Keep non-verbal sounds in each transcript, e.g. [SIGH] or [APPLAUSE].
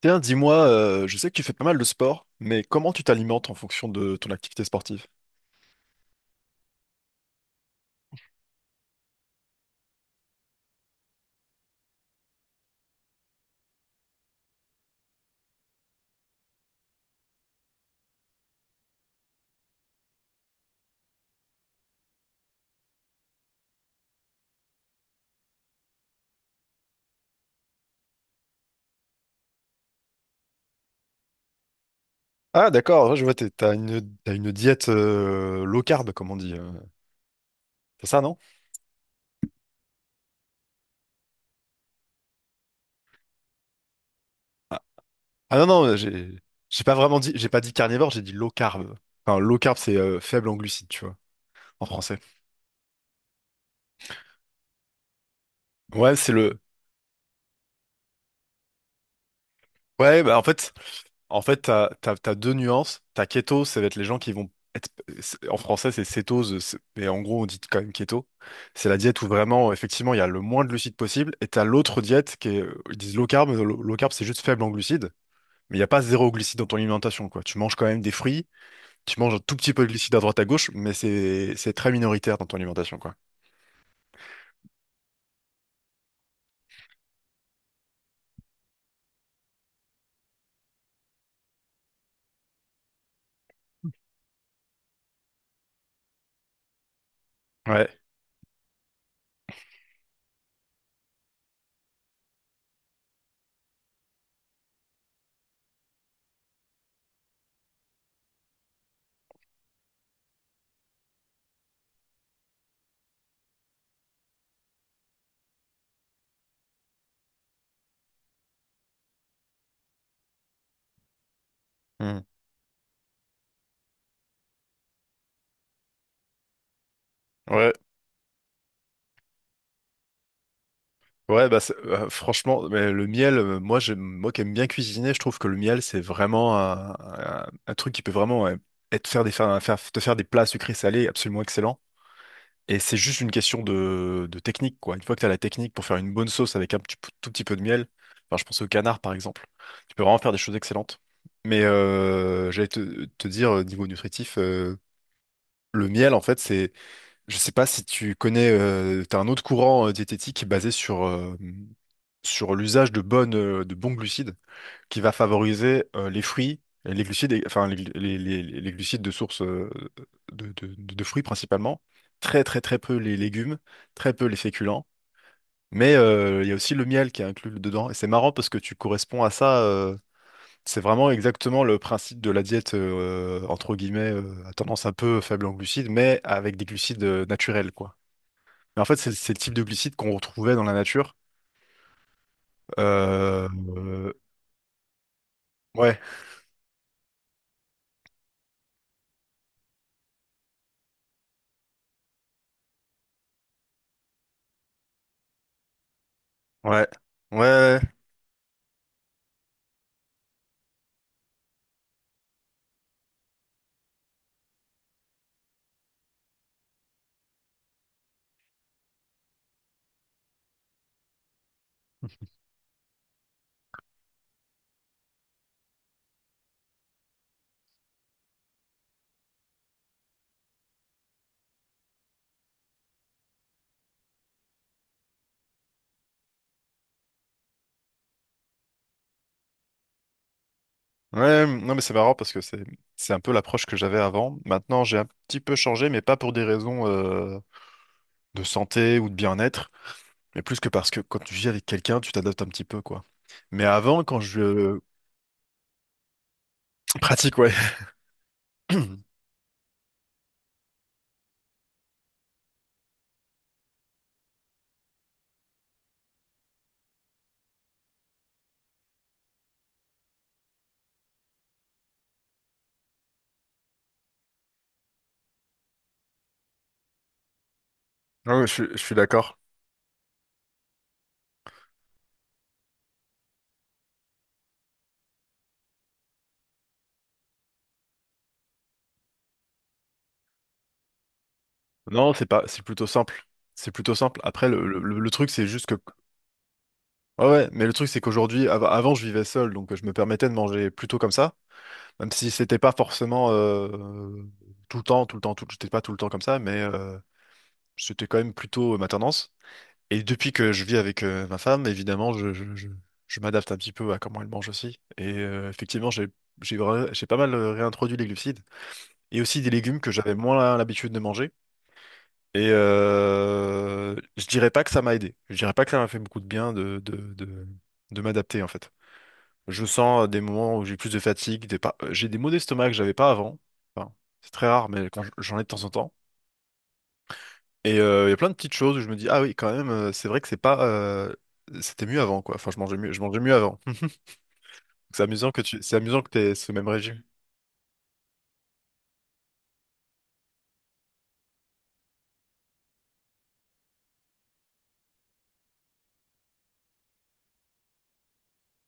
Tiens, dis-moi, je sais que tu fais pas mal de sport, mais comment tu t'alimentes en fonction de ton activité sportive? Ah, d'accord, ouais, je vois, t'as t'as une diète low carb, comme on dit. C'est ça, non? Ah, ah non, non, j'ai pas vraiment dit, j'ai pas dit carnivore, j'ai dit low carb. Enfin, low carb, c'est faible en glucides, tu vois, en français. Ouais, c'est le, Ouais, en fait, t'as deux nuances. T'as keto, ça va être les gens qui vont être, en français, c'est cétose, mais en gros, on dit quand même keto. C'est la diète où vraiment, effectivement, il y a le moins de glucides possible. Et t'as l'autre diète qui est, ils disent low carb, mais low carb, c'est juste faible en glucides. Mais il n'y a pas zéro glucides dans ton alimentation, quoi. Tu manges quand même des fruits, tu manges un tout petit peu de glucides à droite à gauche, mais c'est très minoritaire dans ton alimentation, quoi. Ouais. Hmm. Ouais. Ouais, franchement, mais le miel, moi, moi qui aime bien cuisiner, je trouve que le miel, c'est vraiment un truc qui peut vraiment ouais, être faire des, faire, faire- te faire des plats sucrés salés absolument excellents. Et c'est juste une question de technique, quoi. Une fois que tu as la technique pour faire une bonne sauce avec un tout petit peu de miel, enfin, je pense au canard, par exemple, tu peux vraiment faire des choses excellentes. Mais j'allais te dire, niveau nutritif, le miel, en fait, c'est je sais pas si tu connais, t'as un autre courant diététique basé sur, sur l'usage de de bons glucides qui va favoriser les fruits, les glucides, enfin les glucides de source de fruits principalement, très très très peu les légumes, très peu les féculents, mais il y a aussi le miel qui est inclus dedans. Et c'est marrant parce que tu corresponds à ça, c'est vraiment exactement le principe de la diète entre guillemets à tendance un peu faible en glucides, mais avec des glucides naturels, quoi. Mais en fait, c'est le type de glycide qu'on retrouvait dans la nature. Euh, euh, ouais, ouais, ouais, ouais. ouais. Non, mais c'est marrant parce que c'est un peu l'approche que j'avais avant. Maintenant, j'ai un petit peu changé, mais pas pour des raisons de santé ou de bien-être, mais plus que parce que quand tu vis avec quelqu'un, tu t'adaptes un petit peu, quoi. Mais avant, quand je [COUGHS] pratique, ouais. [CLEARS THROAT] Non, mais je suis d'accord. Non, c'est pas, c'est plutôt simple. C'est plutôt simple. Après, le truc, c'est juste que ouais, ouais, mais le truc, c'est qu'aujourd'hui, avant, je vivais seul, donc je me permettais de manger plutôt comme ça, même si c'était pas forcément tout le temps, tout le temps, tout, j'étais pas tout le temps comme ça, mais c'était quand même plutôt ma tendance. Et depuis que je vis avec ma femme, évidemment, je m'adapte un petit peu à comment elle mange aussi. Et effectivement, j'ai pas mal réintroduit les glucides et aussi des légumes que j'avais moins l'habitude de manger. Et je dirais pas que ça m'a aidé. Je dirais pas que ça m'a fait beaucoup de bien de m'adapter, en fait. Je sens des moments où j'ai plus de fatigue, des pas- j'ai des maux d'estomac que j'avais pas avant. Enfin, c'est très rare, mais quand j'en ai de temps en temps. Et il y a plein de petites choses où je me dis, ah oui, quand même, c'est vrai que c'est pas, c'était mieux avant, quoi. Enfin, je mangeais mieux avant. [LAUGHS] C'est amusant que tu, c'est amusant que t'aies ce même régime.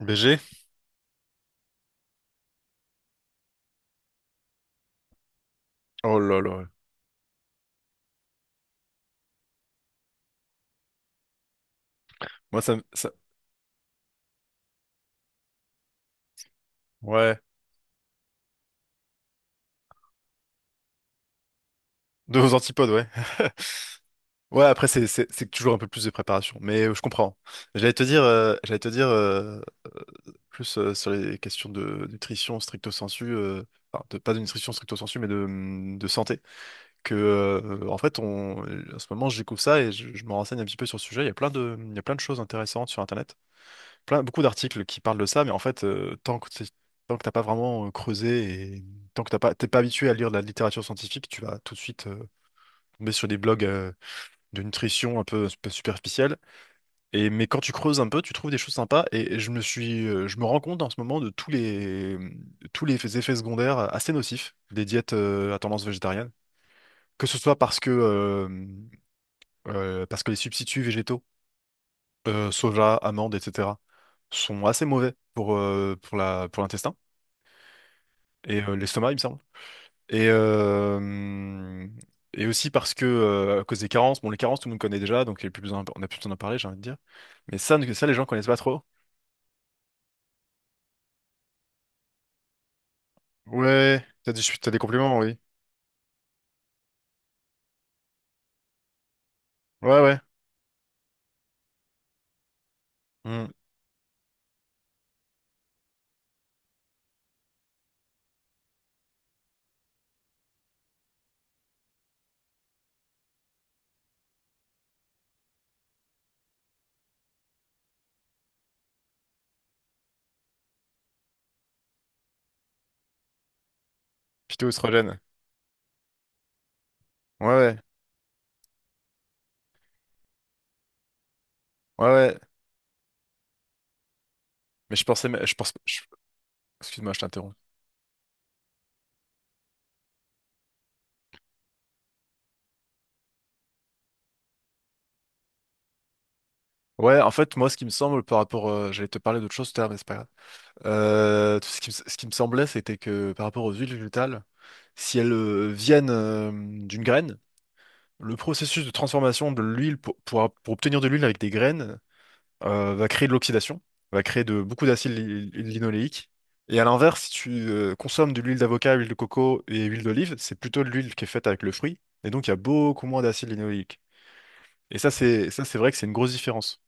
BG? Oh là là. Moi, ça... ouais. De vos antipodes, ouais. [LAUGHS] Ouais, après, c'est toujours un peu plus de préparation. Mais je comprends. J'allais te dire, plus sur les questions de nutrition stricto sensu, enfin, pas de nutrition stricto sensu, mais de santé. Que, en fait, on, en ce moment, je découvre ça et je me renseigne un petit peu sur le sujet. Il y a il y a plein de choses intéressantes sur Internet. Plein, beaucoup d'articles qui parlent de ça, mais en fait, tant que tant que t'as pas vraiment creusé et tant que t'es pas habitué à lire de la littérature scientifique, tu vas tout de suite tomber sur des blogs de nutrition un peu superficiels et, mais quand tu creuses un peu, tu trouves des choses sympas. Et je me rends compte en ce moment de tous les effets secondaires assez nocifs des diètes à tendance végétarienne. Que ce soit parce que les substituts végétaux, soja, amandes, etc., sont assez mauvais pour, pour l'intestin et l'estomac, il me semble. Et, aussi parce que, à cause des carences, bon, les carences, tout le monde connaît déjà, donc il y a plus besoin, on n'a plus besoin d'en parler, j'ai envie de dire. Mais les gens connaissent pas trop. Ouais, t'as des compliments, oui. Ouais, ouais. Hmm. Phyto oestrogène. Ouais, ouais. Ouais, ouais. Mais je pensais, mais excuse-moi, je t'interromps. Ouais, en fait, moi, ce qui me semble par rapport, j'allais te parler d'autre chose tout à l'heure, mais c'est pas grave. Tout ce ce qui me semblait, c'était que par rapport aux huiles végétales, si elles viennent d'une graine, le processus de transformation de l'huile pour obtenir de l'huile avec des graines, va créer de l'oxydation, va créer beaucoup d'acide linoléique. Et à l'inverse, si tu consommes de l'huile d'avocat, huile de coco et huile d'olive, c'est plutôt de l'huile qui est faite avec le fruit. Et donc, il y a beaucoup moins d'acide linoléique. Et ça, c'est vrai que c'est une grosse différence.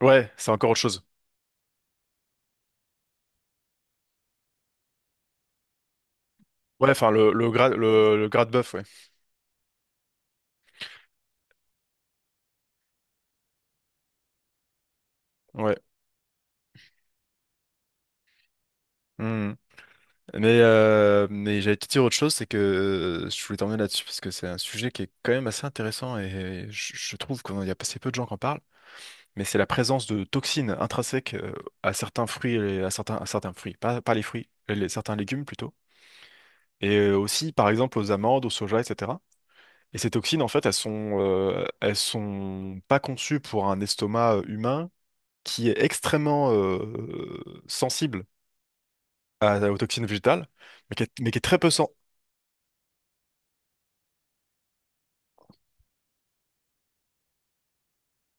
Ouais, c'est encore autre chose. Ouais, enfin, le gras de bœuf, ouais. Ouais. Mhm. Mais j'allais te dire autre chose, c'est que je voulais t'emmener là-dessus parce que c'est un sujet qui est quand même assez intéressant et je trouve qu'il y a assez peu de gens qui en parlent. Mais c'est la présence de toxines intrinsèques à certains fruits, et à à certains fruits, pas les fruits, certains légumes plutôt, et aussi par exemple aux amandes, au soja, etc. Et ces toxines, en fait, elles sont pas conçues pour un estomac humain qui est extrêmement sensible aux toxines végétales, mais mais qui est très peu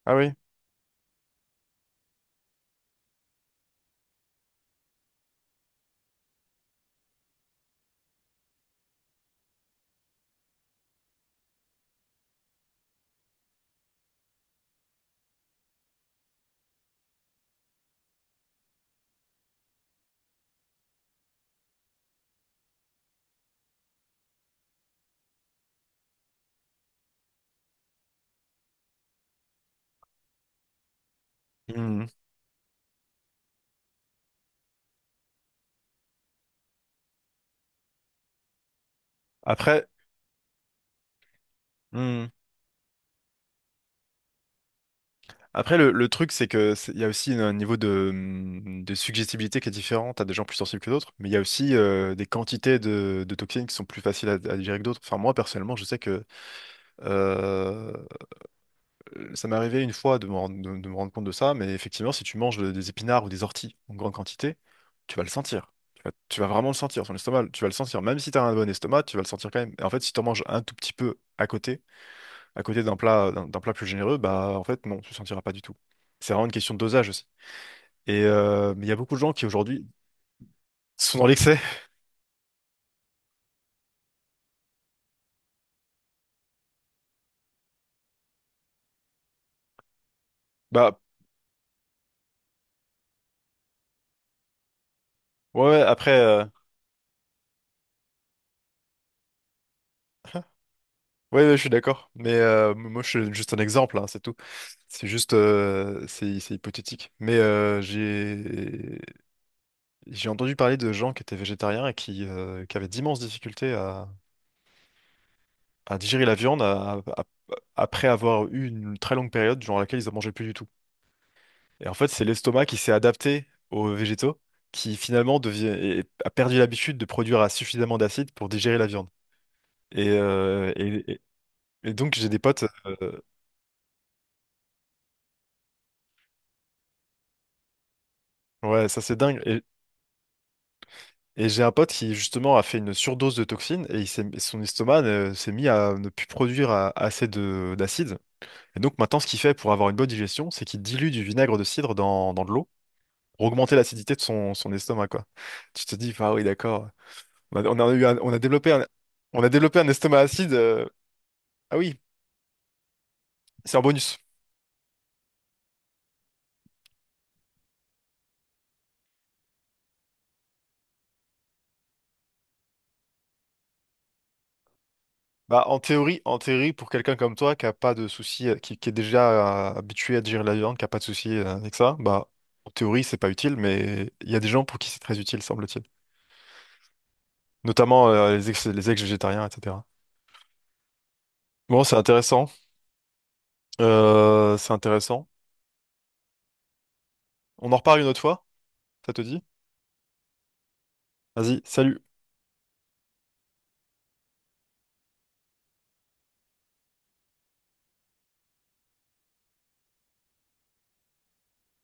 ah oui. Hmm. Après. mmh, Après, le truc, c'est que il y a aussi un niveau de suggestibilité qui est différent. T'as des gens plus sensibles que d'autres, mais il y a aussi des quantités de toxines qui sont plus faciles à digérer que d'autres. Enfin, moi, personnellement, je sais que euh, ça m'est arrivé une fois de me rendre compte de ça, mais effectivement, si tu manges des épinards ou des orties en grande quantité, tu vas le sentir. Tu vas vraiment le sentir, ton estomac, tu vas le sentir. Même si t'as un bon estomac, tu vas le sentir quand même. Et en fait, si t'en manges un tout petit peu à côté d'un plat, d'un plat plus généreux, bah en fait non, tu ne sentiras pas du tout. C'est vraiment une question de dosage aussi. Et mais il y a beaucoup de gens qui aujourd'hui sont dans l'excès. Bah ouais, ouais, après, euh, [LAUGHS] ouais, ouais, je suis d'accord. Mais moi, je suis juste un exemple, hein, c'est tout. C'est juste, c'est hypothétique. Mais j'ai entendu parler de gens qui étaient végétariens et qui avaient d'immenses difficultés à digérer la viande après avoir eu une très longue période durant laquelle ils n'en mangeaient plus du tout. Et en fait, c'est l'estomac qui s'est adapté aux végétaux, qui finalement a perdu l'habitude de produire à suffisamment d'acide pour digérer la viande. Et, donc, j'ai des potes, ouais, ça c'est dingue. Et j'ai un pote qui justement a fait une surdose de toxines et son estomac s'est mis à ne plus produire assez de d'acide. Et donc maintenant, ce qu'il fait pour avoir une bonne digestion, c'est qu'il dilue du vinaigre de cidre dans de l'eau pour augmenter l'acidité de son estomac, quoi. Tu te dis, ah oui, d'accord. On a eu on a développé on a développé un estomac acide. Ah oui, c'est un bonus. Bah, en théorie, pour quelqu'un comme toi qui a pas de souci, qui est déjà habitué à digérer la viande, qui a pas de souci avec ça, bah, en théorie, c'est pas utile, mais il y a des gens pour qui c'est très utile, semble-t-il. Notamment les ex-végétariens, etc. Bon, c'est intéressant. C'est intéressant. On en reparle une autre fois, ça te dit? Vas-y, salut.